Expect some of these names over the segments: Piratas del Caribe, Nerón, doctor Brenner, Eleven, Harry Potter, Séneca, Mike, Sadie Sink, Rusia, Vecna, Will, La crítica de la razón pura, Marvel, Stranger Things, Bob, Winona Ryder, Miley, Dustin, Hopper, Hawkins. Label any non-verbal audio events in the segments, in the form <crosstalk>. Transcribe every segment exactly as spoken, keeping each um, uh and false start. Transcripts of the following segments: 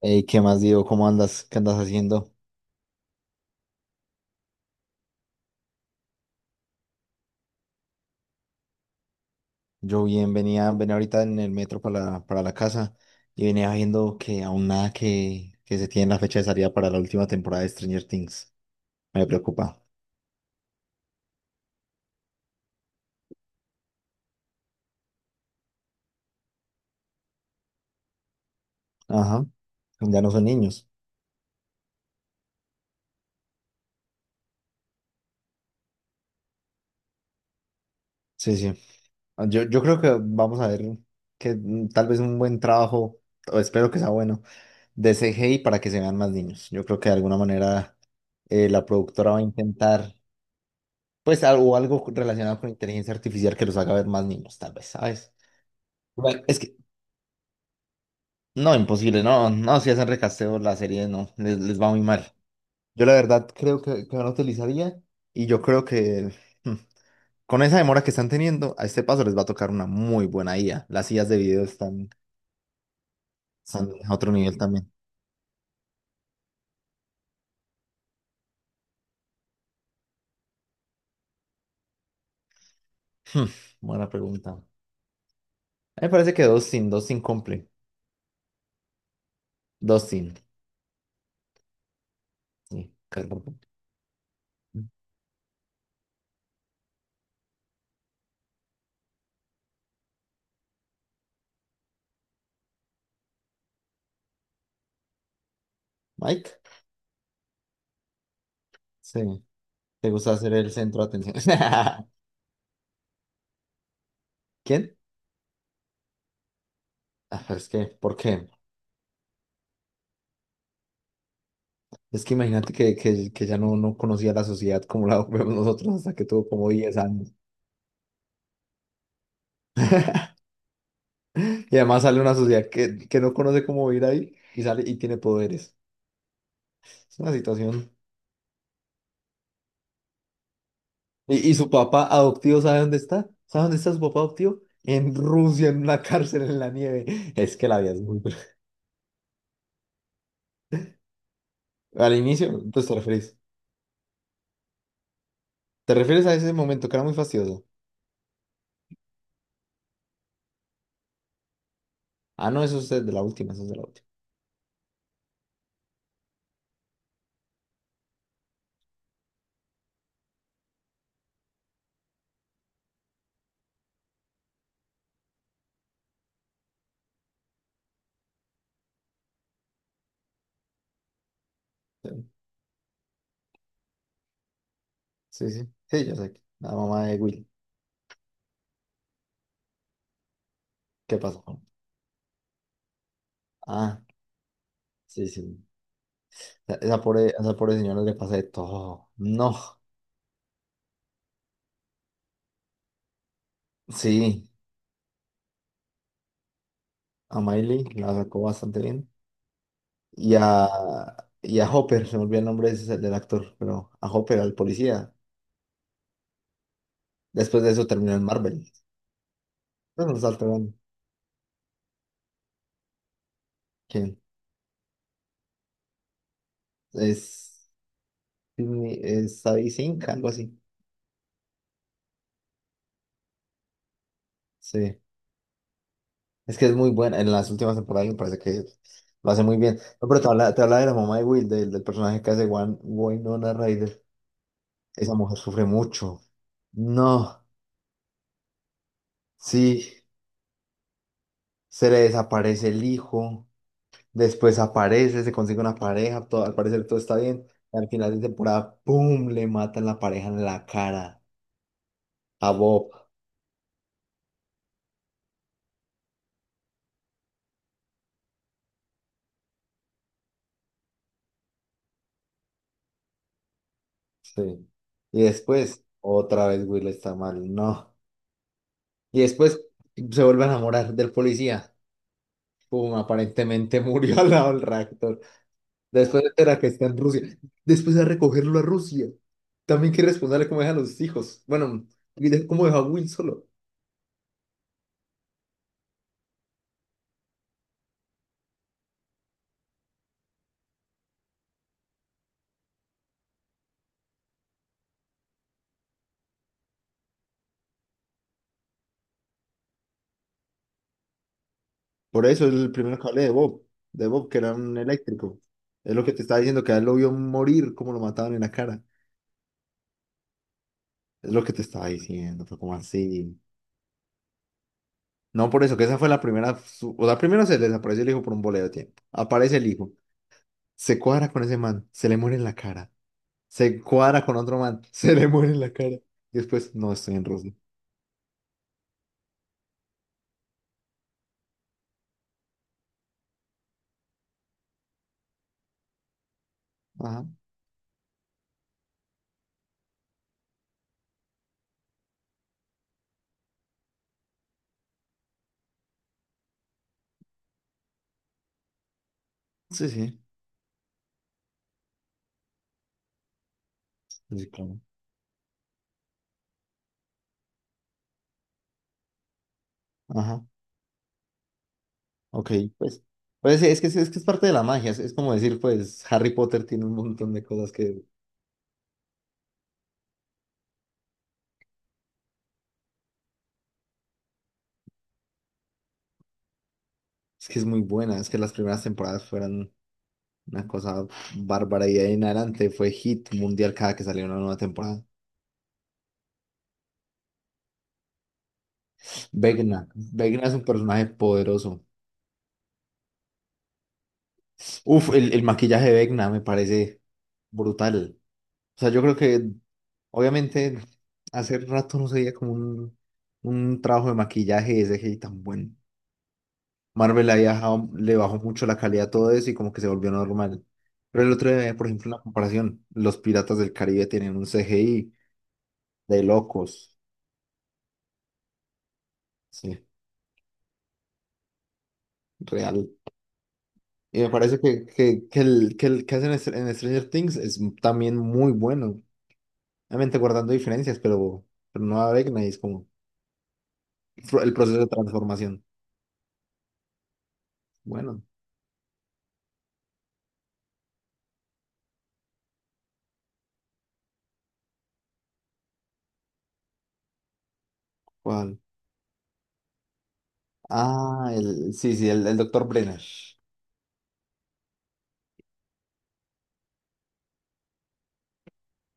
Ey, ¿qué más digo? ¿Cómo andas? ¿Qué andas haciendo? Yo bien, venía, venía ahorita en el metro para la, para la casa y venía viendo que aún nada que, que se tiene la fecha de salida para la última temporada de Stranger Things. Me preocupa. Ajá, ya no son niños. Sí, sí. Ah, Yo, yo creo que vamos a ver que mm, tal vez un buen trabajo, o espero que sea bueno, de C G I para que se vean más niños. Yo creo que de alguna manera eh, la productora va a intentar, pues, algo, algo relacionado con inteligencia artificial que los haga ver más niños, tal vez, ¿sabes? Bueno, es que, no, imposible, no, no, si hacen recasteo la serie, no, les, les va muy mal. Yo la verdad creo que, que no la utilizaría y yo creo que hmm, con esa demora que están teniendo, a este paso les va a tocar una muy buena I A. Las I As de video están, están a otro nivel también. Hmm, Buena pregunta. A mí me parece que Dustin, Dustin cumple. Dustin, sí. Claro. Mike, sí, te gusta hacer el centro de atención. <laughs> ¿Quién? Ah, pero es que, ¿por qué? Es que imagínate que, que, que ya no, no conocía la sociedad como la <laughs> vemos nosotros hasta que tuvo como diez años. Y además sale una sociedad que, que no conoce cómo vivir ahí y sale y tiene poderes. Es una situación. ¿Y, y su papá adoptivo sabe dónde está? ¿Sabe dónde está su papá adoptivo? En Rusia, en una <laughs> cárcel en la nieve. Es que la vida es muy... <laughs> Al inicio, pues te refieres. Te refieres a ese momento que era muy fastidioso. Ah, no, eso es de la última, eso es de la última. Sí, sí, sí, sí, yo sé. La mamá de Will. ¿Qué pasó? Ah, sí, sí. Esa esa pobre, esa pobre señora le pasa de todo. No, sí, a Miley la sacó bastante bien. Y a, y a Hopper, se me olvidó el nombre de ese- del actor, pero a Hopper, al policía. Después de eso terminó en Marvel. Bueno, los alteran. ¿Quién? Es, Sidney- es Sadie Sink, algo así. Sí. Es que es muy buena. En las últimas temporadas me parece que lo hace muy bien. No, pero te habla, te habla de la mamá de Will, del, del personaje que hace Wan- Winona Ryder. Esa mujer sufre mucho. No, sí. Se le desaparece el hijo. Después aparece, se consigue una pareja, todo, al parecer todo está bien. Y al final de temporada, ¡pum! Le matan la pareja en la cara a Bob. Sí. Y después, otra vez Will está mal, no. Y después se vuelve a enamorar del policía. ¡Pum! Aparentemente <laughs> murió al lado del reactor. Después era que está en Rusia. Después de recogerlo a Rusia. También que responderle cómo deja a los hijos. Bueno, y de- cómo deja a Will solo. Por eso es el primero que hablé de Bob, de Bob, que era un eléctrico. Es lo que te estaba diciendo, que a él lo vio morir como lo mataban en la cara. Es lo que te estaba diciendo, fue como así. No, por eso, que esa fue la primera. su- O sea, primero se le desapareció el hijo por un boleo de tiempo. Aparece el hijo, se cuadra con ese man, se le muere en la cara. Se cuadra con otro man, <laughs> se le muere en la cara. Y después, no, estoy en Rusia. Ajá, sí, sí. Sí, claro. Ajá, ok, pues. Pues sí, es que, es que es parte de la magia, es, es como decir, pues Harry Potter tiene un montón de cosas que Es que es muy buena, es que las primeras temporadas fueron una cosa bárbara y de ahí en adelante fue hit mundial cada que salía una nueva temporada. Vecna, Vecna es un personaje poderoso. Uf, el, el maquillaje de Vecna me parece brutal. O sea, yo creo que obviamente hace rato no se veía como un, un trabajo de maquillaje de C G I tan bueno. Marvel le, había bajado- le bajó mucho la calidad a todo eso y como que se volvió normal. Pero el otro día, por ejemplo, una comparación, los Piratas del Caribe tienen un C G I. De locos, sí, real. Y me parece que, que, que el, que el que hacen en Str- en Stranger Things es también muy bueno. Obviamente guardando diferencias, pero, pero no Vecna y es como fr- el proceso de transformación. Bueno, ¿cuál? Ah, el, sí, sí, el, el doctor Brenner.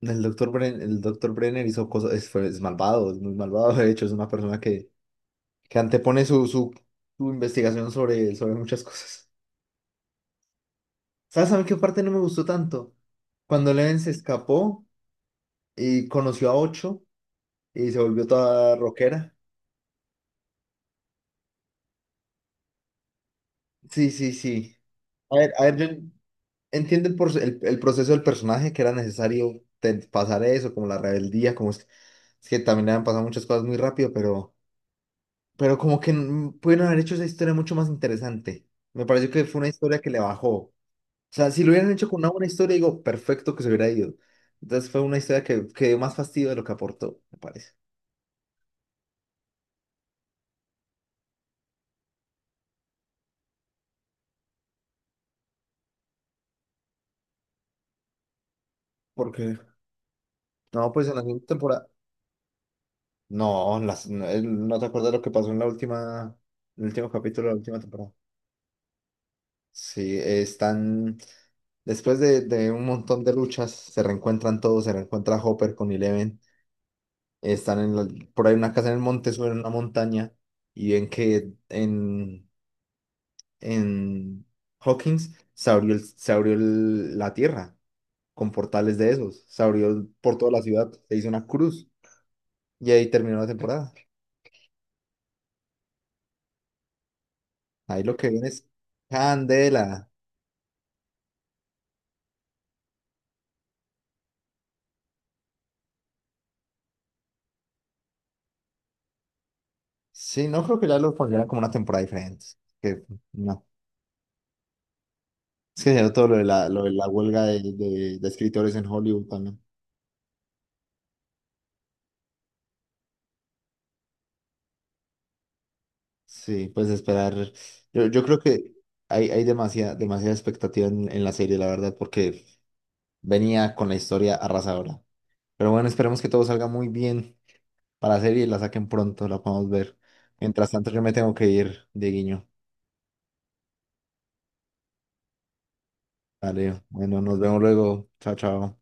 El doctor Brenner, el doctor Brenner hizo cosas, es, fue- es malvado, es muy malvado. De hecho, es una persona que, que antepone su, su, su investigación sobre, sobre muchas cosas. ¿Sabes a mí qué parte no me gustó tanto? Cuando Leven se escapó y conoció a Ocho y se volvió toda rockera. Sí, sí, sí. A ver, a ver, yo entiendo el, proce- el- el proceso del personaje, que era necesario te- pasar eso, como la rebeldía, como es, es que también le han pasado muchas cosas muy rápido, pero, pero como que mm, pudieron haber hecho esa historia mucho más interesante. Me pareció que fue una historia que le bajó. O sea, si lo hubieran hecho con una buena historia, digo, perfecto que se hubiera ido. Entonces fue una historia que, que dio más fastidio de lo que aportó, me parece. Porque, no, pues en la segunda temporada. No, las, no, el- ¿no te acuerdas lo que pasó en la última, el último capítulo de la última temporada? Sí, eh, están, después de, de un montón de luchas, se reencuentran todos, se reencuentra Hopper con Eleven. están en la- por ahí una casa en el monte, suben una montaña y ven que en, en Hawkins se abrió, el- se abrió el- la tierra con portales de esos, se abrió por toda la ciudad, se hizo una cruz y ahí terminó la temporada. Ahí lo que viene es candela. Sí, no creo que ya lo pondrían como una temporada diferente. Que no. Es que ya todo lo de la, lo de la huelga de, de- de escritores en Hollywood también. Sí, pues esperar. Yo, yo creo que hay, hay demasiada, demasiada expectativa en, en la serie, la verdad, porque venía con la historia arrasadora. Pero bueno, esperemos que todo salga muy bien para la serie y la saquen pronto, la podamos ver. Mientras tanto, yo me tengo que ir, Dieguiño. Vale, bueno, nos vemos luego. Chao, chao.